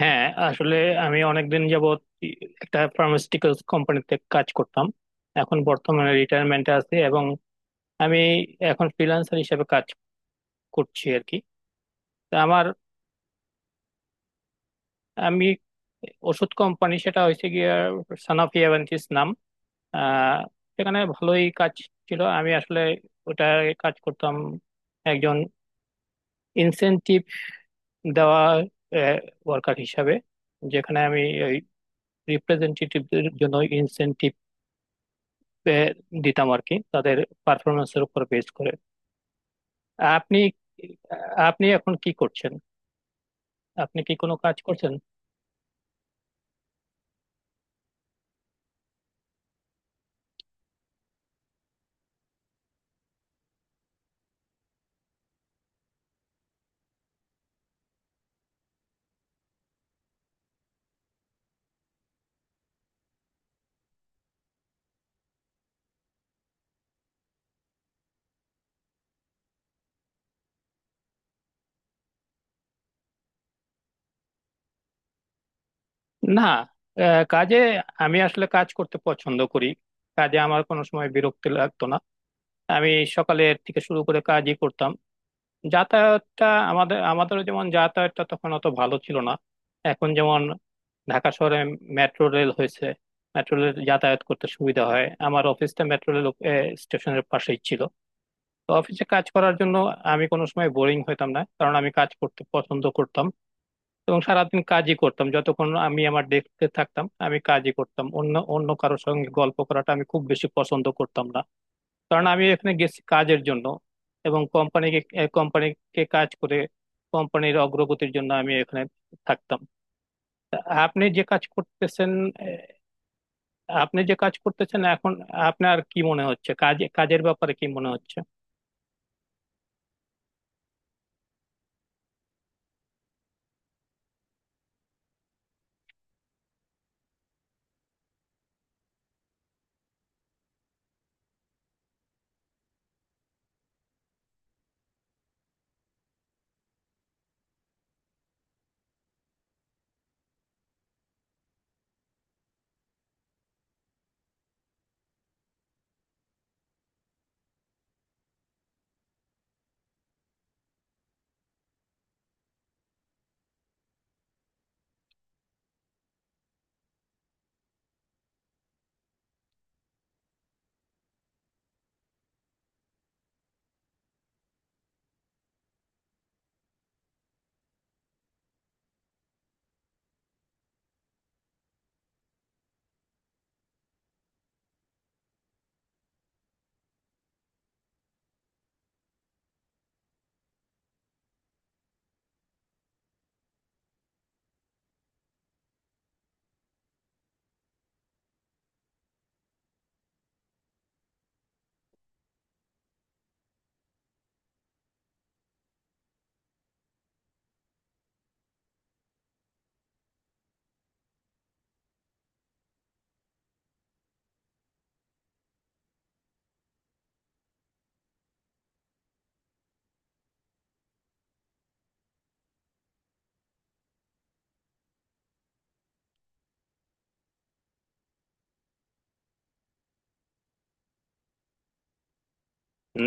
হ্যাঁ, আসলে আমি অনেকদিন যাবৎ একটা ফার্মাসিউটিক্যালস কোম্পানিতে কাজ করতাম। এখন বর্তমানে রিটায়ারমেন্টে আছি এবং আমি এখন ফ্রিল্যান্সার হিসেবে কাজ করছি আর কি। তা আমি ওষুধ কোম্পানি, সেটা হয়েছে গিয়ে সানাফি অ্যাভেন্টিস নাম। আহ সেখানে ভালোই কাজ ছিল। আমি আসলে ওটা কাজ করতাম একজন ইনসেনটিভ দেওয়া ওয়ার্কার হিসাবে, যেখানে আমি ওই রিপ্রেজেন্টেটিভদের জন্য ইনসেনটিভ পে- দিতাম আর কি, তাদের পারফরমেন্সের উপর বেস করে। আপনি আপনি এখন কি করছেন? আপনি কি কোনো কাজ করছেন? না, কাজে আমি আসলে কাজ করতে পছন্দ করি। কাজে আমার কোনো সময় বিরক্তি লাগতো না। আমি সকালের থেকে শুরু করে কাজই করতাম। যাতায়াতটা, আমাদের আমাদের যেমন যাতায়াতটা তখন অত ভালো ছিল না। এখন যেমন ঢাকা শহরে মেট্রো রেল হয়েছে, মেট্রো রেল যাতায়াত করতে সুবিধা হয়। আমার অফিসটা মেট্রো রেল স্টেশনের পাশেই ছিল। তো অফিসে কাজ করার জন্য আমি কোনো সময় বোরিং হইতাম না, কারণ আমি কাজ করতে পছন্দ করতাম এবং সারাদিন কাজই করতাম। যতক্ষণ আমি আমার ডেস্কে থাকতাম আমি কাজই করতাম। অন্য অন্য কারোর সঙ্গে গল্প করাটা আমি খুব বেশি পছন্দ করতাম না, কারণ আমি এখানে গেছি কাজের জন্য এবং কোম্পানিকে কোম্পানিকে কাজ করে কোম্পানির অগ্রগতির জন্য আমি এখানে থাকতাম। তা আপনি যে কাজ করতেছেন আহ, আপনি যে কাজ করতেছেন এখন, আপনার কি মনে হচ্ছে? কাজের ব্যাপারে কি মনে হচ্ছে?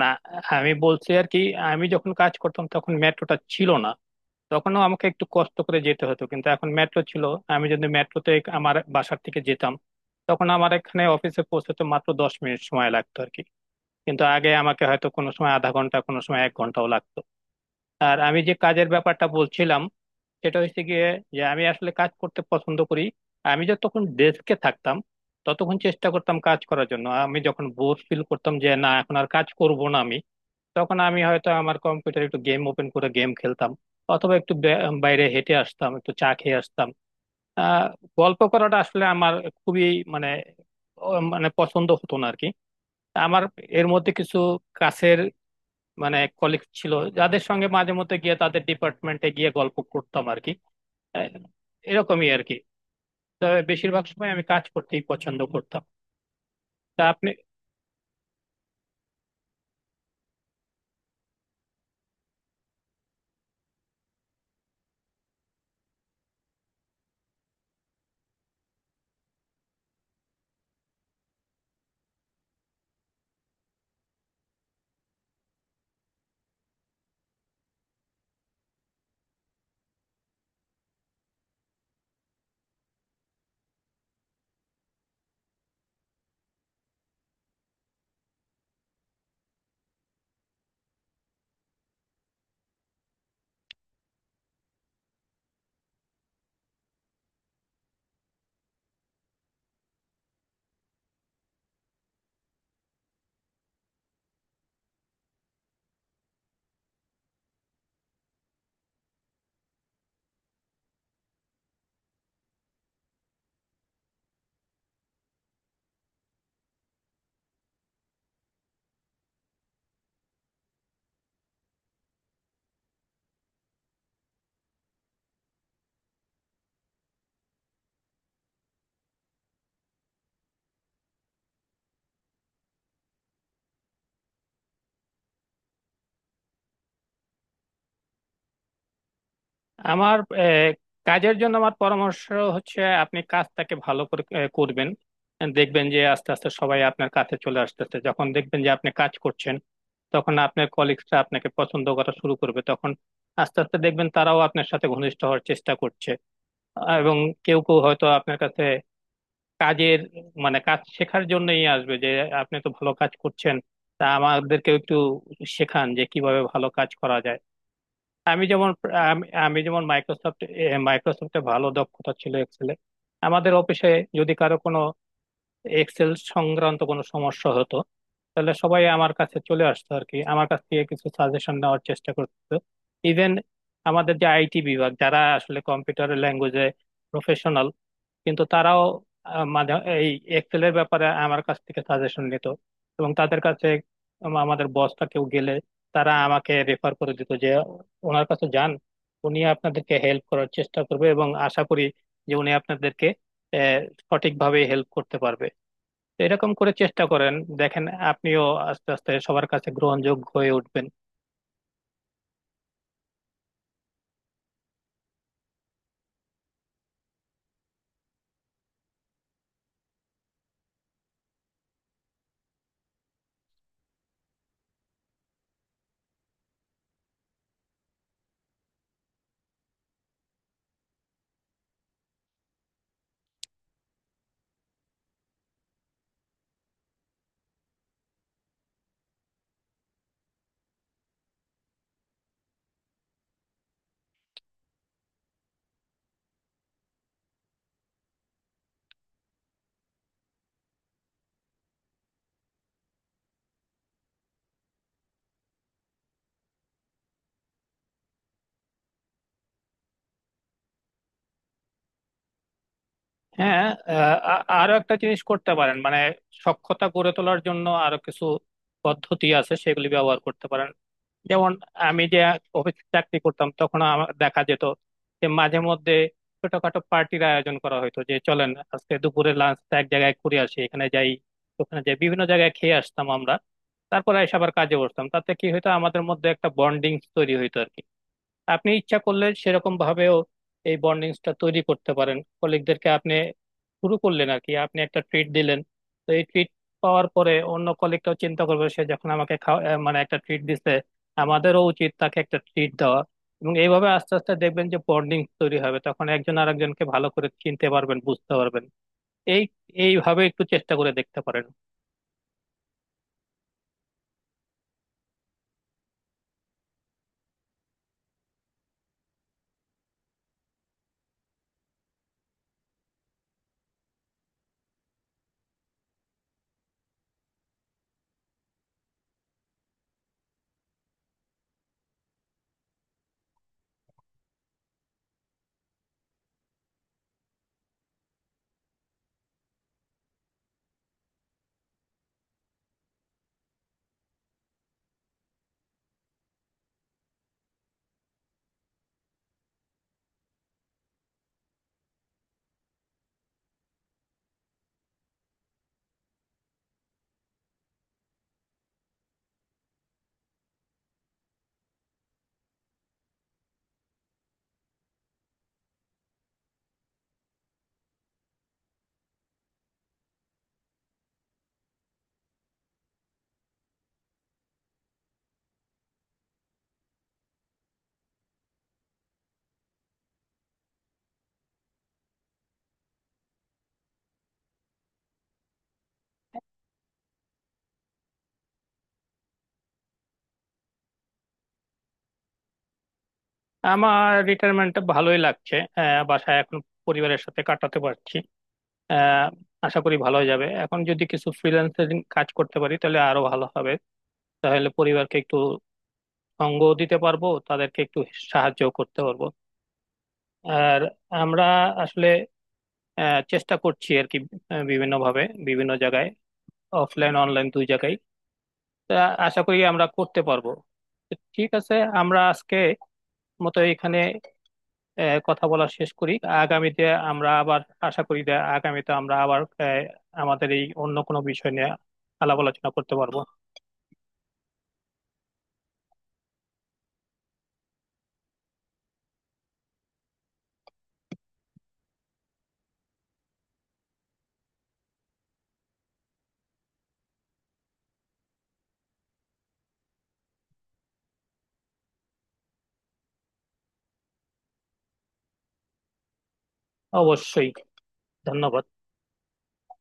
না, আমি বলছি আর কি, আমি যখন কাজ করতাম তখন মেট্রোটা ছিল না। তখনও আমাকে একটু কষ্ট করে যেতে হতো, কিন্তু এখন মেট্রো ছিল। আমি যদি মেট্রোতে আমার বাসার থেকে যেতাম, তখন আমার এখানে অফিসে পৌঁছতে মাত্র 10 মিনিট সময় লাগতো আর কি। কিন্তু আগে আমাকে হয়তো কোনো সময় আধা ঘন্টা, কোনো সময় 1 ঘন্টাও লাগতো। আর আমি যে কাজের ব্যাপারটা বলছিলাম, সেটা হচ্ছে গিয়ে যে আমি আসলে কাজ করতে পছন্দ করি। আমি যতক্ষণ ডেস্কে থাকতাম ততক্ষণ চেষ্টা করতাম কাজ করার জন্য। আমি যখন বোর ফিল করতাম যে না, এখন আর কাজ করব না আমি, তখন আমি হয়তো আমার কম্পিউটার একটু গেম ওপেন করে গেম খেলতাম, অথবা একটু বাইরে হেঁটে আসতাম, একটু চা খেয়ে আসতাম। আহ গল্প করাটা আসলে আমার খুবই, মানে, মানে পছন্দ হতো না আর কি। আমার এর মধ্যে কিছু কাছের, মানে, কলিগ ছিল, যাদের সঙ্গে মাঝে মধ্যে গিয়ে তাদের ডিপার্টমেন্টে গিয়ে গল্প করতাম আর কি। আহ, এরকমই আর কি। তবে বেশিরভাগ সময় আমি কাজ করতেই পছন্দ করতাম। তা আপনি, আমার কাজের জন্য আমার পরামর্শ হচ্ছে আপনি কাজটাকে ভালো করে করবেন। দেখবেন যে আস্তে আস্তে সবাই আপনার কাছে চলে আসতেছে। যখন দেখবেন যে আপনি কাজ করছেন, তখন আপনার কলিগসরা আপনাকে পছন্দ করা শুরু করবে। তখন আস্তে আস্তে দেখবেন তারাও আপনার সাথে ঘনিষ্ঠ হওয়ার চেষ্টা করছে, এবং কেউ কেউ হয়তো আপনার কাছে কাজের, মানে, কাজ শেখার জন্যই আসবে যে আপনি তো ভালো কাজ করছেন, তা আমাদেরকেও একটু শেখান যে কিভাবে ভালো কাজ করা যায়। আমি যেমন আমি যেমন মাইক্রোসফটে ভালো দক্ষতা ছিল, এক্সেলে। আমাদের অফিসে যদি কারো কোনো এক্সেল সংক্রান্ত কোনো সমস্যা হতো, তাহলে সবাই আমার কাছে চলে আসতো আর কি, আমার কাছ থেকে কিছু সাজেশন নেওয়ার চেষ্টা করতো। ইভেন আমাদের যে আইটি বিভাগ, যারা আসলে কম্পিউটার ল্যাঙ্গুয়েজে প্রফেশনাল, কিন্তু তারাও আহ, মাঝে এই এক্সেলের ব্যাপারে আমার কাছ থেকে সাজেশন নিত। এবং তাদের কাছে আমাদের বসটা কেউ গেলে, তারা আমাকে রেফার করে দিত যে ওনার কাছে যান, উনি আপনাদেরকে হেল্প করার চেষ্টা করবে এবং আশা করি যে উনি আপনাদেরকে আহ, সঠিকভাবে হেল্প করতে পারবে। তো এরকম করে চেষ্টা করেন, দেখেন আপনিও আস্তে আস্তে সবার কাছে গ্রহণযোগ্য হয়ে উঠবেন। হ্যাঁ, আরো একটা জিনিস করতে পারেন। মানে, সক্ষমতা গড়ে তোলার জন্য আরো কিছু পদ্ধতি আছে, সেগুলি ব্যবহার করতে পারেন। যেমন আমি যে অফিস চাকরি করতাম তখন আমার দেখা যেত যে মাঝে মধ্যে ছোটখাটো পার্টির আয়োজন করা হতো, যে চলেন আজকে দুপুরে লাঞ্চটা এক জায়গায় ঘুরে আসি, এখানে যাই, ওখানে যাই। বিভিন্ন জায়গায় খেয়ে আসতাম আমরা, তারপরে এসে আবার কাজে বসতাম। তাতে কি হতো, আমাদের মধ্যে একটা বন্ডিং তৈরি হইতো আর কি। আপনি ইচ্ছা করলে সেরকম ভাবেও এই বন্ডিংসটা তৈরি করতে পারেন। কলিগদেরকে আপনি শুরু করলেন আর কি, আপনি একটা ট্রিট দিলেন। তো এই ট্রিট পাওয়ার পরে অন্য কলিগটাও চিন্তা করবে, সে যখন আমাকে খাওয়া, মানে একটা ট্রিট দিছে, আমাদেরও উচিত তাকে একটা ট্রিট দেওয়া। এবং এইভাবে আস্তে আস্তে দেখবেন যে বন্ডিং তৈরি হবে, তখন একজন আরেকজনকে ভালো করে চিনতে পারবেন, বুঝতে পারবেন। এই এইভাবে একটু চেষ্টা করে দেখতে পারেন। আমার রিটায়ারমেন্টটা ভালোই লাগছে। বাসায় এখন পরিবারের সাথে কাটাতে পারছি। আহ, আশা করি ভালোই যাবে। এখন যদি কিছু ফ্রিল্যান্সিং কাজ করতে পারি তাহলে আরো ভালো হবে। তাহলে পরিবারকে একটু সঙ্গ দিতে পারবো, তাদেরকে একটু সাহায্য করতে পারবো। আর আমরা আসলে চেষ্টা করছি আর কি, বিভিন্ন ভাবে, বিভিন্ন জায়গায়, অফলাইন অনলাইন দুই জায়গায়। তা আশা করি আমরা করতে পারবো। তো ঠিক আছে, আমরা আজকে মতো এখানে কথা বলা শেষ করি। আগামীতে আমরা আবার, আশা করি যে আগামীতে আমরা আবার আমাদের এই অন্য কোনো বিষয় নিয়ে আলাপ আলোচনা করতে পারবো। অবশ্যই, ধন্যবাদ।